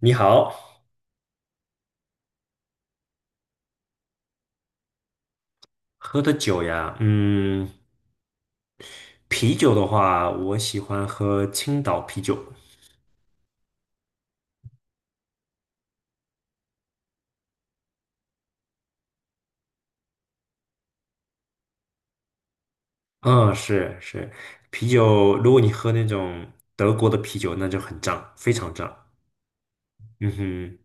你好，喝的酒呀，啤酒的话，我喜欢喝青岛啤酒。嗯，是是，啤酒，如果你喝那种德国的啤酒，那就很胀，非常胀。嗯哼，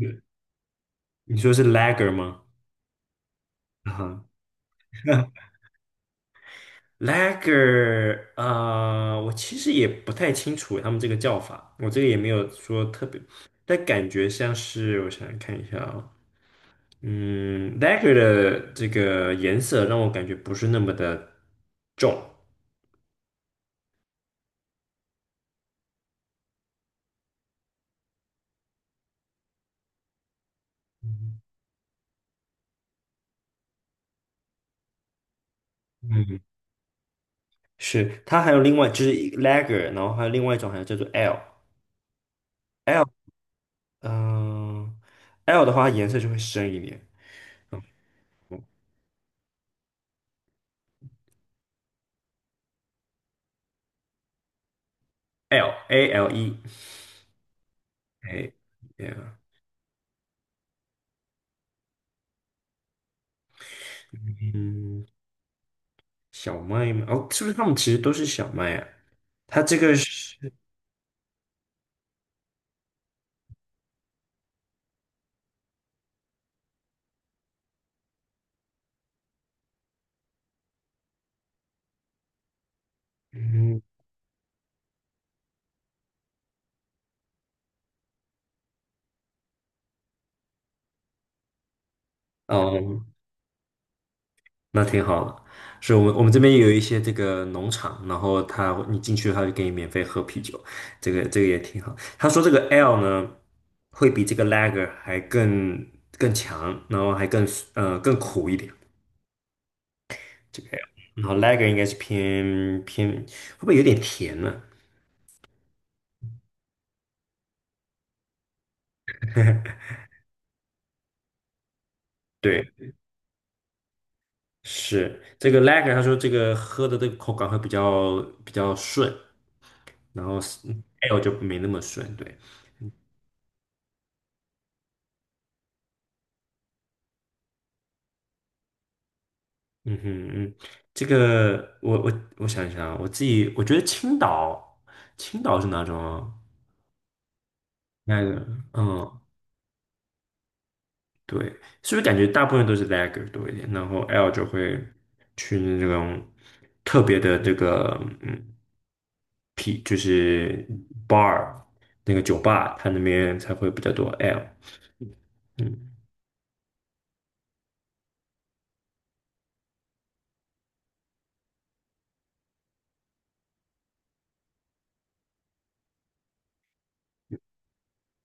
你你说是 Lager 吗？啊哈 Lager，啊，我其实也不太清楚他们这个叫法，我这个也没有说特别，但感觉像是，我想想看一下啊、Lager 的这个颜色让我感觉不是那么的重。嗯，嗯是，它还有另外就是 Lager，然后还有另外一种，还有叫做 L，嗯，L 的话它颜色就会深一点。嗯，L A L E，哎，yeah，嗯，小麦吗？哦，是不是他们其实都是小麦啊？它这个是，嗯，哦，那挺好的。是我们这边也有一些这个农场，然后他你进去他就给你免费喝啤酒，这个也挺好。他说这个 L 呢会比这个 Lager 还更强，然后还更苦一点，这个 L，然后 Lager 应该是偏会不会有点甜呢？对，是这个 Lager，他说这个喝的这个口感会比较顺，然后是 L 就没那么顺，对。嗯哼嗯，这个我想一想啊我自己我觉得青岛，青岛是哪种啊 l a 嗯，对，是不是感觉大部分都是 lager 多一点，然后 L 就会去那种特别的这个P 就是 bar 那个酒吧，它那边才会比较多 L，嗯。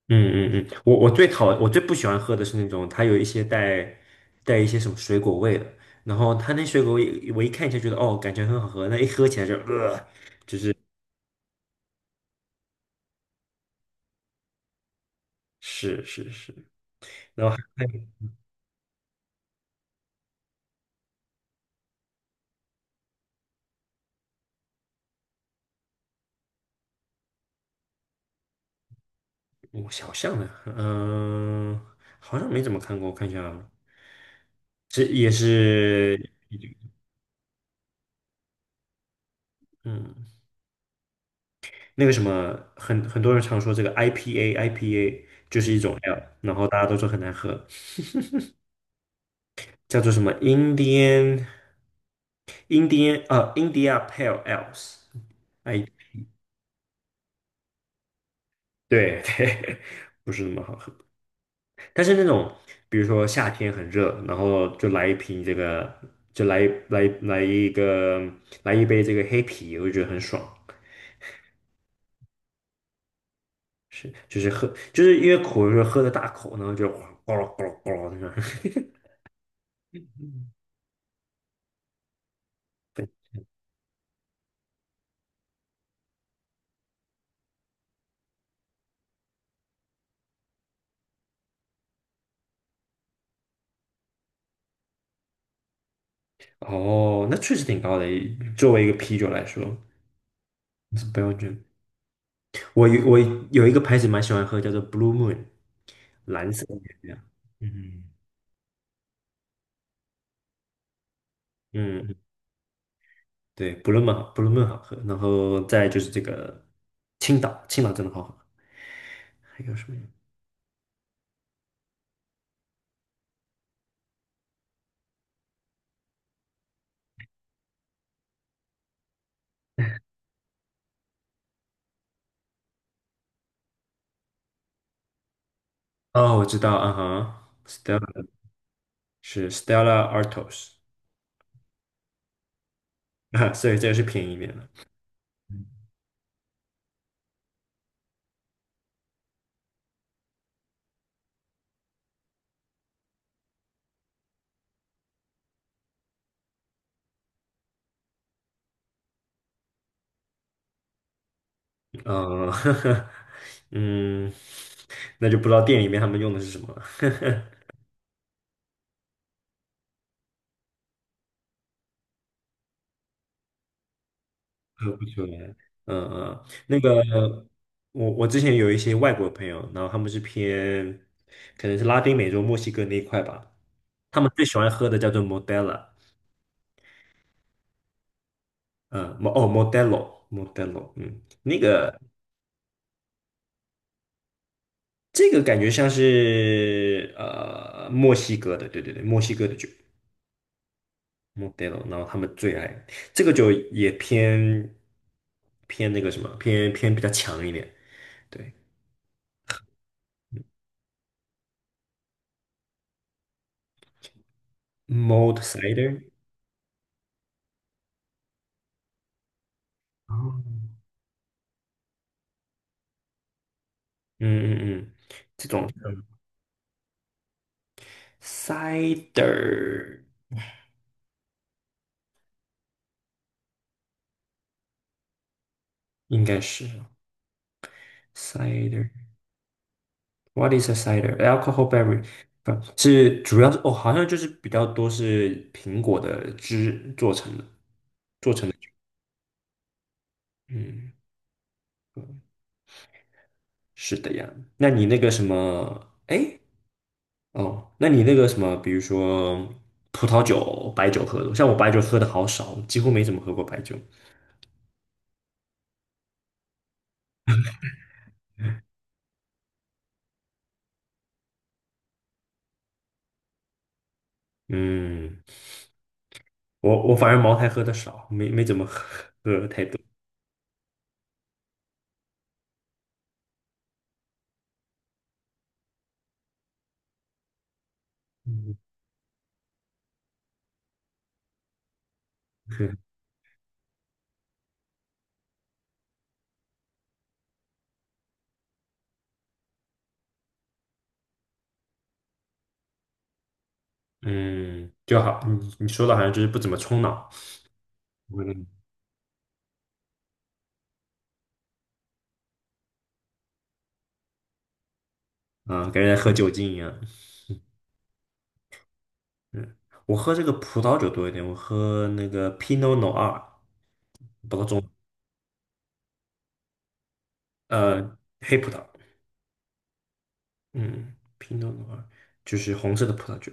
嗯嗯嗯，我最不喜欢喝的是那种它有一些带一些什么水果味的，然后它那水果味我一看就觉得哦感觉很好喝，那一喝起来就是是是，然后还我小象的，嗯、好像没怎么看过，我看一下啊，这也是嗯那个什么很多人常说这个 IPA 就是一种 L，然后大家都说很难喝，叫做什么 Indian。India Pale Ales，哎，对对，不是那么好喝。但是那种，比如说夏天很热，然后就来一瓶这个，就来来来一个来一杯这个黑啤，我就觉得很爽。是，就是喝，就是因为苦，就是喝的大口，然后就咕噜咕噜咕噜那种。哦，那确实挺高的，作为一个啤酒来说，是标准。我有一个牌子蛮喜欢喝，叫做 Blue Moon，蓝色的月亮。嗯。嗯，对，不论曼好喝，然后再就是这个青岛真的好喝，还有什么呀？哦，我知道，啊哈，Stella 是 Stella Artois，啊，所以这个是便宜面了。嗯，嗯，那就不知道店里面他们用的是什么了，喝不出来。嗯嗯，那个我之前有一些外国朋友，然后他们是偏可能是拉丁美洲、墨西哥那一块吧，他们最喜欢喝的叫做 m o d e l a 嗯，哦，Modelo，嗯，这个感觉像是墨西哥的，对对对，墨西哥的酒，Modelo，然后他们最爱这个酒也偏偏那个什么，偏偏比较强一点，对，Mod Cider，哦嗯嗯嗯，这种Cider 应该是 Cider。What is a cider? Alcohol b e r r y 不是主要是哦，好像就是比较多是苹果的汁做成的酒。嗯，是的呀。那你那个什么，哎，哦，那你那个什么，比如说葡萄酒、白酒喝的，像我白酒喝的好少，几乎没怎么喝过白酒。嗯，我反而茅台喝的少，没怎么喝太多。嗯 嗯就好。你说的好像就是不怎么冲脑。啊，感觉在喝酒精一样。嗯，我喝这个葡萄酒多一点，我喝那个 Pinot Noir，包知道中文黑葡萄，嗯，Pinot Noir 就是红色的葡萄酒。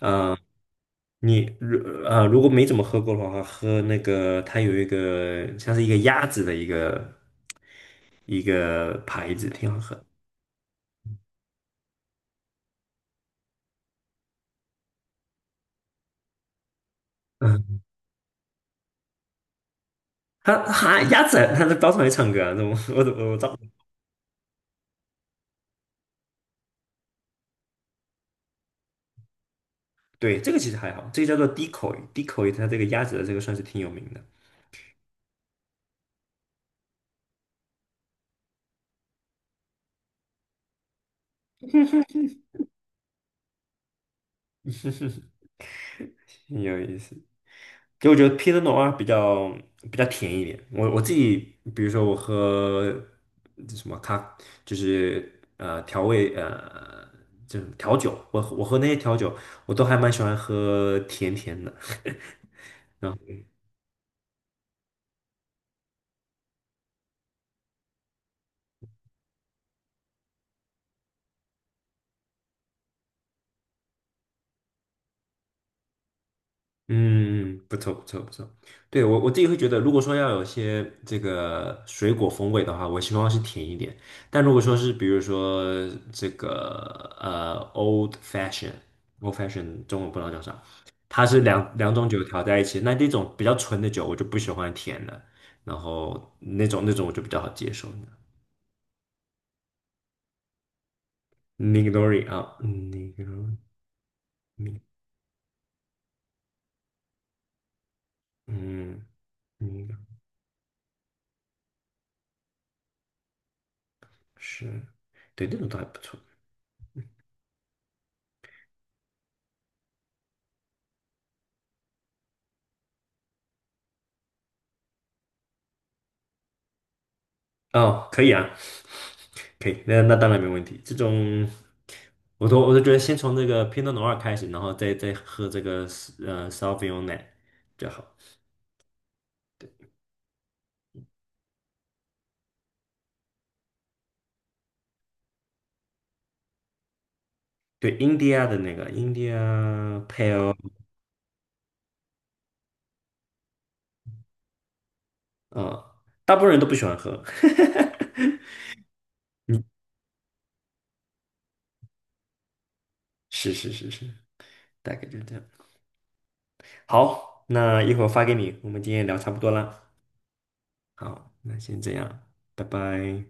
啊、你如啊、如果没怎么喝过的话，喝那个它有一个像是一个鸭子的一个牌子，挺好喝。嗯，它鸭子它在包场里唱歌啊，那我找对，这个其实还好，这个叫做 Decoy， 它这个鸭子的这个算是挺有名的。挺有意思。就我觉得 Pinot Noir 比较甜一点。我自己，比如说我喝这什么咖，就是呃调味呃，就是调酒，我喝那些调酒，我都还蛮喜欢喝甜甜的。嗯，不错不错不错。对，我自己会觉得，如果说要有些这个水果风味的话，我希望是甜一点。但如果说是比如说这个呃 old fashion old fashion 中文不知道叫啥，它是两种酒调在一起，那这种比较纯的酒我就不喜欢甜的，然后那种我就比较好接受。Negroni 啊，Negroni，嗯，Negro 是，对，那种倒还不错。哦，可以啊，可以，那当然没问题。这种，我都觉得先从这个 Pinot Noir 开始，然后再喝这个Sauvignon 就好。对，India 的那个 India Pale，大部分人都不喜欢喝。嗯，是是是是，大概就这样。好，那一会儿发给你，我们今天聊差不多啦。好，那先这样，拜拜。